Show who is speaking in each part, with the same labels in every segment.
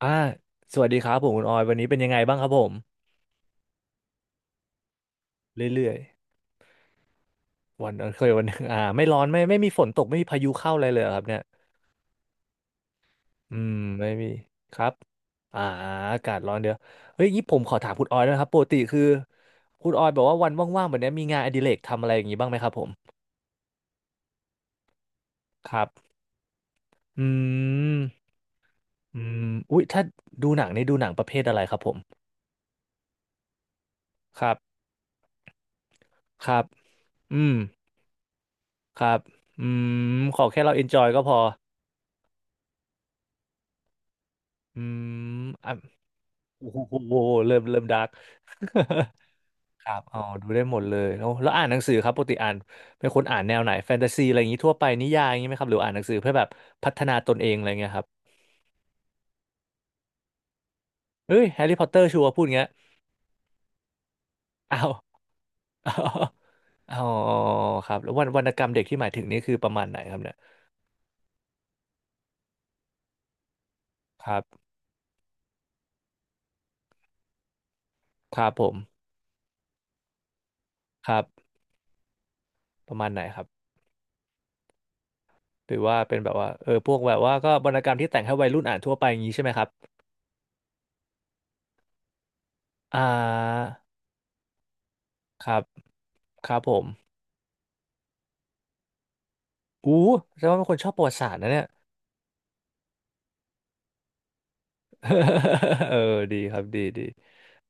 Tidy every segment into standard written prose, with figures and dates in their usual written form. Speaker 1: อ่าสวัสดีครับผมคุณออยวันนี้เป็นยังไงบ้างครับผมเรื่อยๆวันเคยวันหนึง ไม่ร้อนไม่มีฝนตกไม่มีพายุเข้าอะไรเลยเหรอครับเนี่ยอืมไม่มีครับอ่าอากาศร้อนเดี๋ยวเฮ้ยงี้ผมขอถามคุณออยด้วยนะครับปกติคือคุณออยบอกว่าวันว่างๆแบบเนี้ยมีงานอดิเรกทำอะไรอย่างงี้บ้างไหมครับผมครับอืมอืมอุ๊ยถ้าดูหนังนี่ดูหนังประเภทอะไรครับผมครับครับอืมครับอืมขอแค่เราเอนจอยก็พออืม โอ้โหเริ่มดาร์ก ครับอ๋อดูได้หมดเลยแล้วอ่านหนังสือครับปกติอ่านเป็นคนอ่านแนวไหนแฟนตาซีอะไรอย่างนี้ทั่วไปนิยายอย่างนี้ไหมครับหรืออ่านหนังสือเพื่อแบบพัฒนาตนเองอะไรเงี้ยครับเฮ้ยแฮร์รี่พอตเตอร์ชัวร์พูดอย่างเงี้ยอ้าว อ้าวอ๋อครับแล้ววรรณกรรมเด็กที่หมายถึงนี่คือประมาณไหนครับเนี่ยครับครับผมครับประมาณไหนครับหรือว่าเป็นแบบว่าเออพวกแบบว่าก็วรรณกรรมที่แต่งให้วัยรุ่นอ่านทั่วไปอย่างนี้ใช่ไหมครับอ่าครับครับผม อู้แสดงว่าเป็นคนชอบประวัติศาสตร์นะเนี่ย เออดีครับดีดี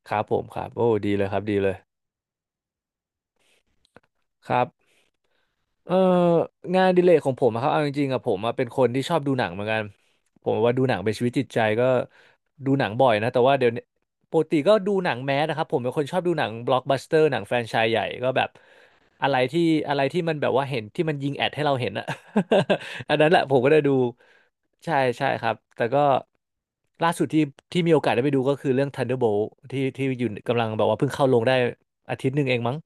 Speaker 1: ครับผมครับโอ้ดีเลยครับดีเลยครับ เอองานอดิเรกของผมอะครับเอาจริงๆอะผมอะเป็นคนที่ชอบดูหนังเหมือนกันผมว่าดูหนังเป็นชีวิตจิตใจก็ดูหนังบ่อยนะแต่ว่าเดี๋ยวนี้ปกติก็ดูหนังแมสนะครับผมเป็นคนชอบดูหนังบล็อกบัสเตอร์หนังแฟรนไชส์ใหญ่ก็แบบอะไรที่อะไรที่มันแบบว่าเห็นที่มันยิงแอดให้เราเห็นอะ อันนั้นแหละผมก็ได้ดูใช่ใช่ครับแต่ก็ล่าสุดที่ที่มีโอกาสได้ไปดูก็คือเรื่อง Thunderbolt ที่ที่อยู่กำลังแบบว่าเพิ่งเข้าลงได้อาทิตย์หนึ่งเองมั้ง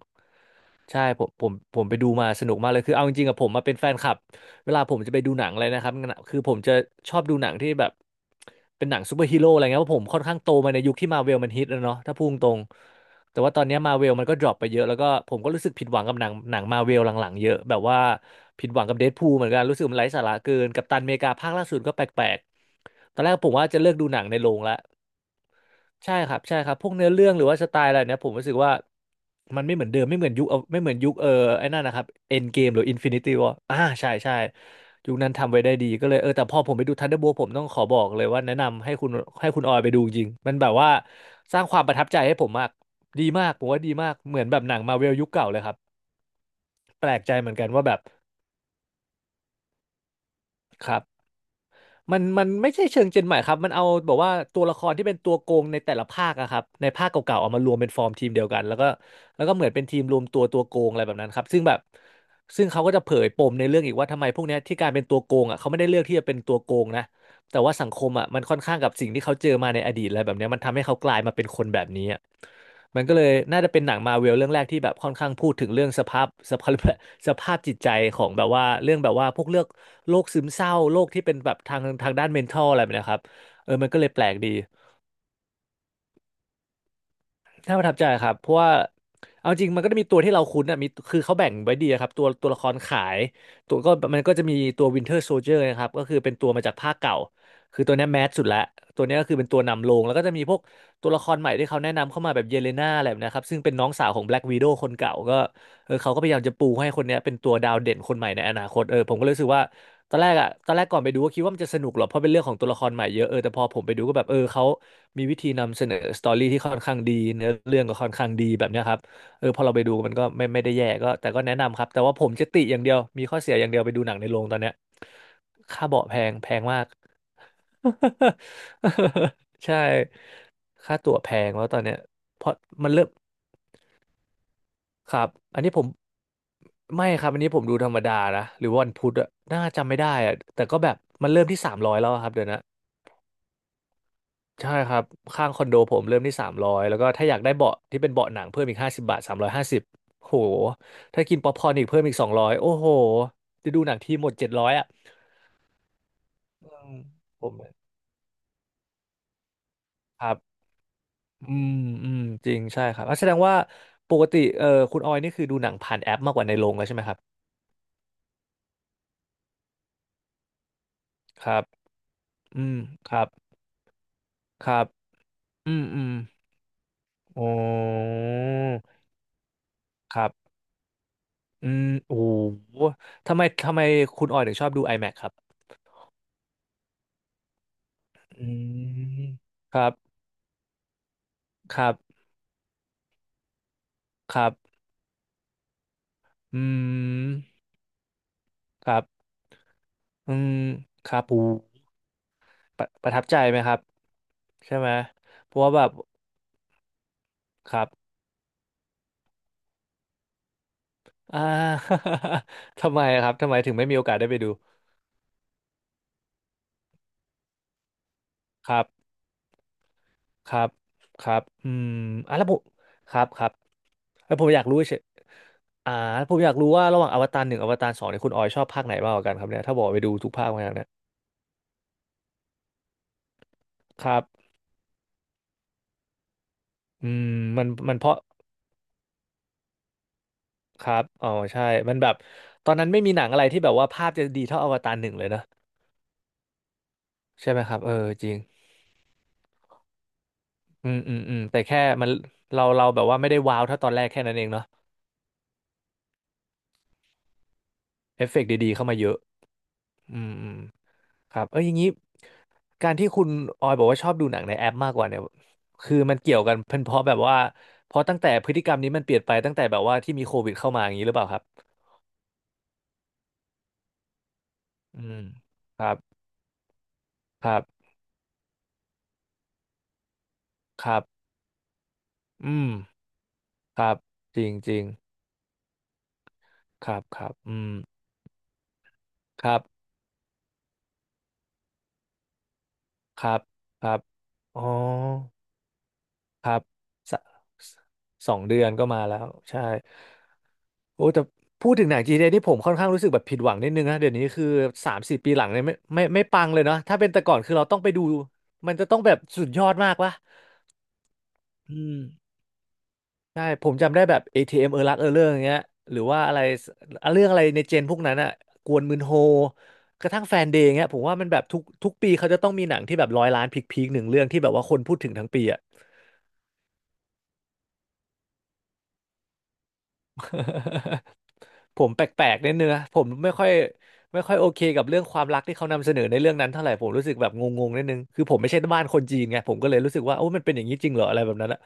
Speaker 1: ใช่ผมไปดูมาสนุกมากเลยคือเอาจริงๆอะผมมาเป็นแฟนคลับเวลาผมจะไปดูหนังอะไรนะครับงั้นอะคือผมจะชอบดูหนังที่แบบเป็นหนังซูเปอร์ฮีโร่อะไรเงี้ยเพราะผมค่อนข้างโตมาในยุคที่มาเวลมันฮิตแล้วเนาะถ้าพูดตรงๆแต่ว่าตอนเนี้มาเวลมันก็ดรอปไปเยอะแล้วก็ผมก็รู้สึกผิดหวังกับหนังมาเวลหลังๆเยอะแบบว่าผิดหวังกับเดดพูลเหมือนกันรู้สึกมันไร้สาระเกินกัปตันอเมริกาภาคล่าสุดก็แปลกๆตอนแรกผมว่าจะเลิกดูหนังในโรงละ ใช่ครับใช่ครับพวกเนื้อเรื่องหรือว่าสไตล์อะไรเนี่ยผมรู้สึกว่ามันไม่เหมือนเดิมไม่เหมือนยุคเอาไม่เหมือนยุคเออไอ้นั่นนะครับเอ็นเกมหรืออินฟินิตี้วออ่าใช่ใช่ยุคนั้นทำไว้ได้ดีก็เลยเออแต่พอผมไปดูทันเดอร์โบผมต้องขอบอกเลยว่าแนะนำให้คุณให้คุณออยไปดูจริงมันแบบว่าสร้างความประทับใจให้ผมมากดีมากผมว่าดีมากเหมือนแบบหนังมาเวลยุคเก่าเลยครับแปลกใจเหมือนกันว่าแบบครับ มันไม่ใช่เชิงเจนใหม่ครับมันเอาแบบว่าตัวละครที่เป็นตัวโกงในแต่ละภาคอะครับในภาคเก่าๆเอามารวมเป็นฟอร์มทีมเดียวกันแล้วก็แล้วก็เหมือนเป็นทีมรวมตัวโกงอะไรแบบนั้นครับซึ่งแบบซึ่งเขาก็จะเผยปมในเรื่องอีกว่าทำไมพวกเนี้ยที่การเป็นตัวโกงอะเขาไม่ได้เลือกที่จะเป็นตัวโกงนะแต่ว่าสังคมอะมันค่อนข้างกับสิ่งที่เขาเจอมาในอดีตอะไรแบบเนี้ยมันทำให้เขากลายมาเป็นคนแบบนี้ มันก็เลยน่าจะเป็นหนังมาร์เวลเรื่องแรกที่แบบค่อนข้างพูดถึงเรื่องสภาพ สภาพจิตใจของแบบว่าเรื่องแบบว่าพวกเรื่องโรคซึมเศร้าโรคที่เป็นแบบทางด้าน mental อะไรแบบเนะครับเออมันก็เลยแปลกดี น่าประทับใจครับเพราะว่าเอาจริงมันก็จะมีตัวที่เราคุ้นอ่ะมีคือเขาแบ่งไว้ดีอะครับตัวละครขายตัวก็มันก็จะมีตัววินเทอร์โซ i เจอร์นะครับก็คือเป็นตัวมาจากภาคเก่าคือตัวเนี้ยแมสสุดละตัวเนี้ยก็คือเป็นตัวนำโลงแล้วก็จะมีพวกตัวละครใหม่ที่เขาแนะนำเข้ามาแบบเยเลน่าอะไรแบบนะครับซึ่งเป็นน้องสาวของแบล็กวีโดคนเก่าก็เขาก็พยายามจะปูให้คนเนี้ยเป็นตัวดาวเด่นคนใหม่ในอนาคตผมก็เลยรู้สึกว่า ตอนแรกอะตอนแรกก่อนไปดูก็คิดว่ามันจะสนุกหรอกเพราะเป็นเรื่องของตัวละครใหม่เยอะแต่พอผมไปดูก็แบบเขามีวิธีนำเสนอสตอรี่ที่ค่อนข้างดีเนื้อเรื่องก็ค่อนข้างดีแบบเนี้ยครับพอเราไปดูมันก็ไม่ได้แย่ก็แต่ก็แนะนำครับแต่ว่าผมจะติอย่างเดียวมีข้อเสียอย่างเดียวไปดูหนังในโรงตอนเนี้ยค่าเบาะแพงมาก ใช่ค่าตั๋วแพงแล้วตอนเนี้ยเพราะมันเริ่ม ครับอันนี้ผมไม่ครับอันนี้ผมดูธรรมดานะหรือวาวันพุธอะน่าจำไม่ได้อะแต่ก็แบบมันเริ่มที่สามร้อยแล้วอะครับเดี๋ยวนะใช่ครับข้างคอนโดผมเริ่มที่สามร้อยแล้วก็ถ้าอยากได้เบาะที่เป็นเบาะหนังเพิ่มอีกห้าสิบบาทสามร้อยห้าสิบโหถ้ากินป๊อปคอร์นอีกเพิ่มอีกสองร้อยโอ้โหจะดูหนังทีหมดเจ็ดร้อยอะอืมผมครับอืมอืมจริงใช่ครับอ่ะแสดงว่าปกติคุณออยนี่คือดูหนังผ่านแอปมากกว่าในโรงแล้วใช่ไหมครับครับอืมครับครับอืมอืม อ๋อครับอืมโอ้โหทำไมทำไมคุณออยถึงชอบดู IMAX ครับอืมครับ ครับ ครับอืม ครับอืมครับโอ้โหประทับใจไหมครับใช่ไหมเพราะว่าแบบครับอ่า ทำไมครับทำไมถึงไม่มีโอกาสได้ไปดู ครับครับครับอืมอ่ะแล้วผมครับครับ แล้วผมอยากรู้เฉยอ่าผมอยากรู้ว่าระหว่างอวตารหนึ่งอวตารสองเนี่ยคุณออยชอบภาคไหนมากกว่ากันครับเนี่ยถ้าบอกไปดูทุกภาคมาแล้วเนี่ยครับอืมมันเพราะครับ อ๋อใช่มันแบบตอนนั้นไม่มีหนังอะไรที่แบบว่าภาพจะดีเท่าอวตารหนึ่งเลยนะใช่ไหมครับเออจริง อืมอืมอืมแต่แค่มันเราแบบว่าไม่ได้ว้าวเท่าตอนแรกแค่นั้นเองเนาะเอฟเฟกต์ดีๆเข้ามาเยอะอืมอืม ครับอย่างนี้การที่คุณออยบอกว่าชอบดูหนังในแอปมากกว่าเนี่ยคือมันเกี่ยวกันเป็นเพราะแบบว่าเพราะตั้งแต่พฤติกรรมนี้มันเปลี่ยนไปตั้งแต่แบบว่าที่มีโควิดเข้ามาอย่างนี้หรือเปล่าครับอืมครับครับครับอืมครับจริงจริงครับครับอืมครับครับครับอ๋อครับสสสองเดือนก็มาแล้วใช่ โอ้แต่พูดถึงหนังจีนเนี่ยที่ผมค่อนข้างรู้สึกแบบผิดหวังนิดนึงนะเดี๋ยวนี้คือสามสี่ปีหลังเนี่ยไม่ปังเลยเนาะถ้าเป็นแต่ก่อนคือเราต้องไปดูมันจะต้องแบบสุดยอดมากวะอืมใช่ผมจำได้แบบ ATM เอมเออรักเออเรื่องอย่างเงี้ยหรือว่าอะไรเรื่องอะไรในเจนพวกนั้นอะกวนมืนโฮกระทั่งแฟนเดย์เงี้ยผมว่ามันแบบทุกปีเขาจะต้องมีหนังที่แบบร้อยล้านพีคๆหนึ่งเรื่องที่แบบว่าคนพูดถึงทั้งปีอะ ผมแปลกๆนิดนึงนะผมไม่ค่อยไม่ค่อยโอเคกับเรื่องความรักที่เขานำเสนอในเรื่องนั้นเท่าไหร่ผมรู้สึกแบบงงๆนิดนึงคือผมไม่ใช่บ้านคนจีนไงผมก็เลยรู้สึกว่าโอ้มันเป็นอย่างนี้จริงเหรออะไรแบบนั้นอะ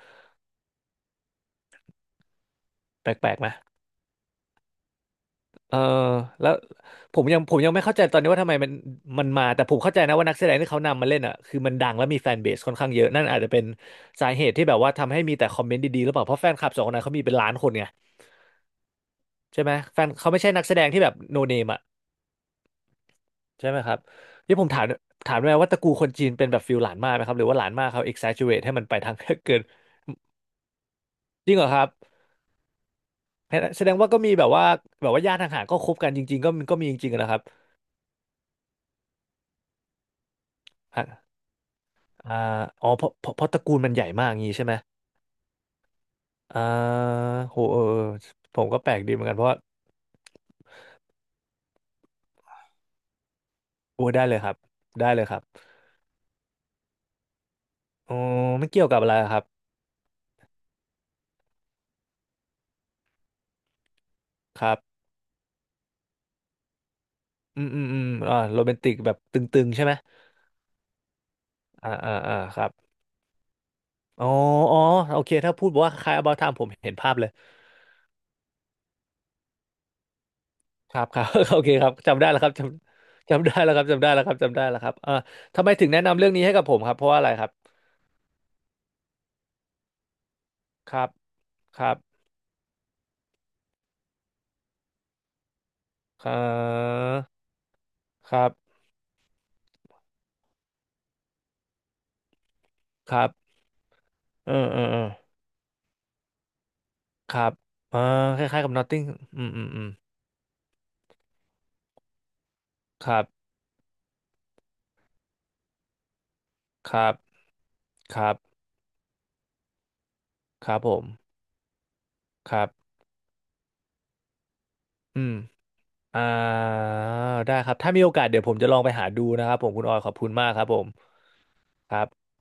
Speaker 1: แปลกๆไหมเออแล้วผมยังไม่เข้าใจตอนนี้ว่าทำไมมันมันมาแต่ผมเข้าใจนะว่านักแสดงที่เขานำมาเล่นอะคือมันดังและมีแฟนเบสค่อนข้างเยอะนั่นอาจจะเป็นสาเหตุที่แบบว่าทำให้มีแต่คอมเมนต์ดีๆหรือเปล่าเพราะแฟนคลับสองคนนั้นเขามีเป็นล้านคนไงใช่ไหมแฟนเขาไม่ใช่นักแสดงที่แบบโนเนม ใช่ไหมครับนี่ผมถามถามได้ไหมว่าตระกูลคนจีนเป็นแบบฟิลหลานมากไหมครับหรือว่าหลานมากเขา exaggerate ให้มันไปทาง เกินจริงเหรอครับแสดงว่าก็มีแบบว่าแบบว่าญาติทางห่างๆก็คบกันจริงๆก็มีก็มีจริงๆอะนะครับฮะอ่าอ๋อเพราะตระกูลมันใหญ่มากอย่างงี้ใช่ไหมอ่าโหเออเออผมก็แปลกดีเหมือนกันเพราะว่าโอ้ได้เลยครับได้เลยครับอ๋อไม่เกี่ยวกับอะไรครับครับอืมอืมอืมอ่าโรแมนติกแบบตึงๆใช่ไหมอ่าอ่าอ่าครับ อ๋ออ๋อโอเคถ้าพูดว่าคล้าย About Time ผมเห็นภาพเลยครับครับ โอเคครับจำได้แล้วครับจำจำได้แล้วครับจำได้แล้วครับจำได้แล้วครับอ่าทำไมถึงแนะนำเรื่องนี้ให้กับผมครับเพราะว่าอะไรครับครับครับอ่อครับครับเออเออเออครับอ่าคล้ายๆกับ Notting อืมอืมอืมครับครับครับครับผมครับอืมอ่าได้ครับ ถ้ามีโอกาสเดี๋ยวผมจะลองไปหาดูนะครับผมคุณออยขอบคุณมากครับผมครับ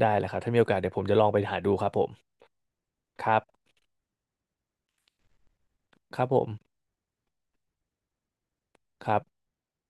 Speaker 1: ได้เลยครับถ้ามีโอกาสเดี๋ยวผมจะลองไปหาดูครับผม ครับ ครับผมครับ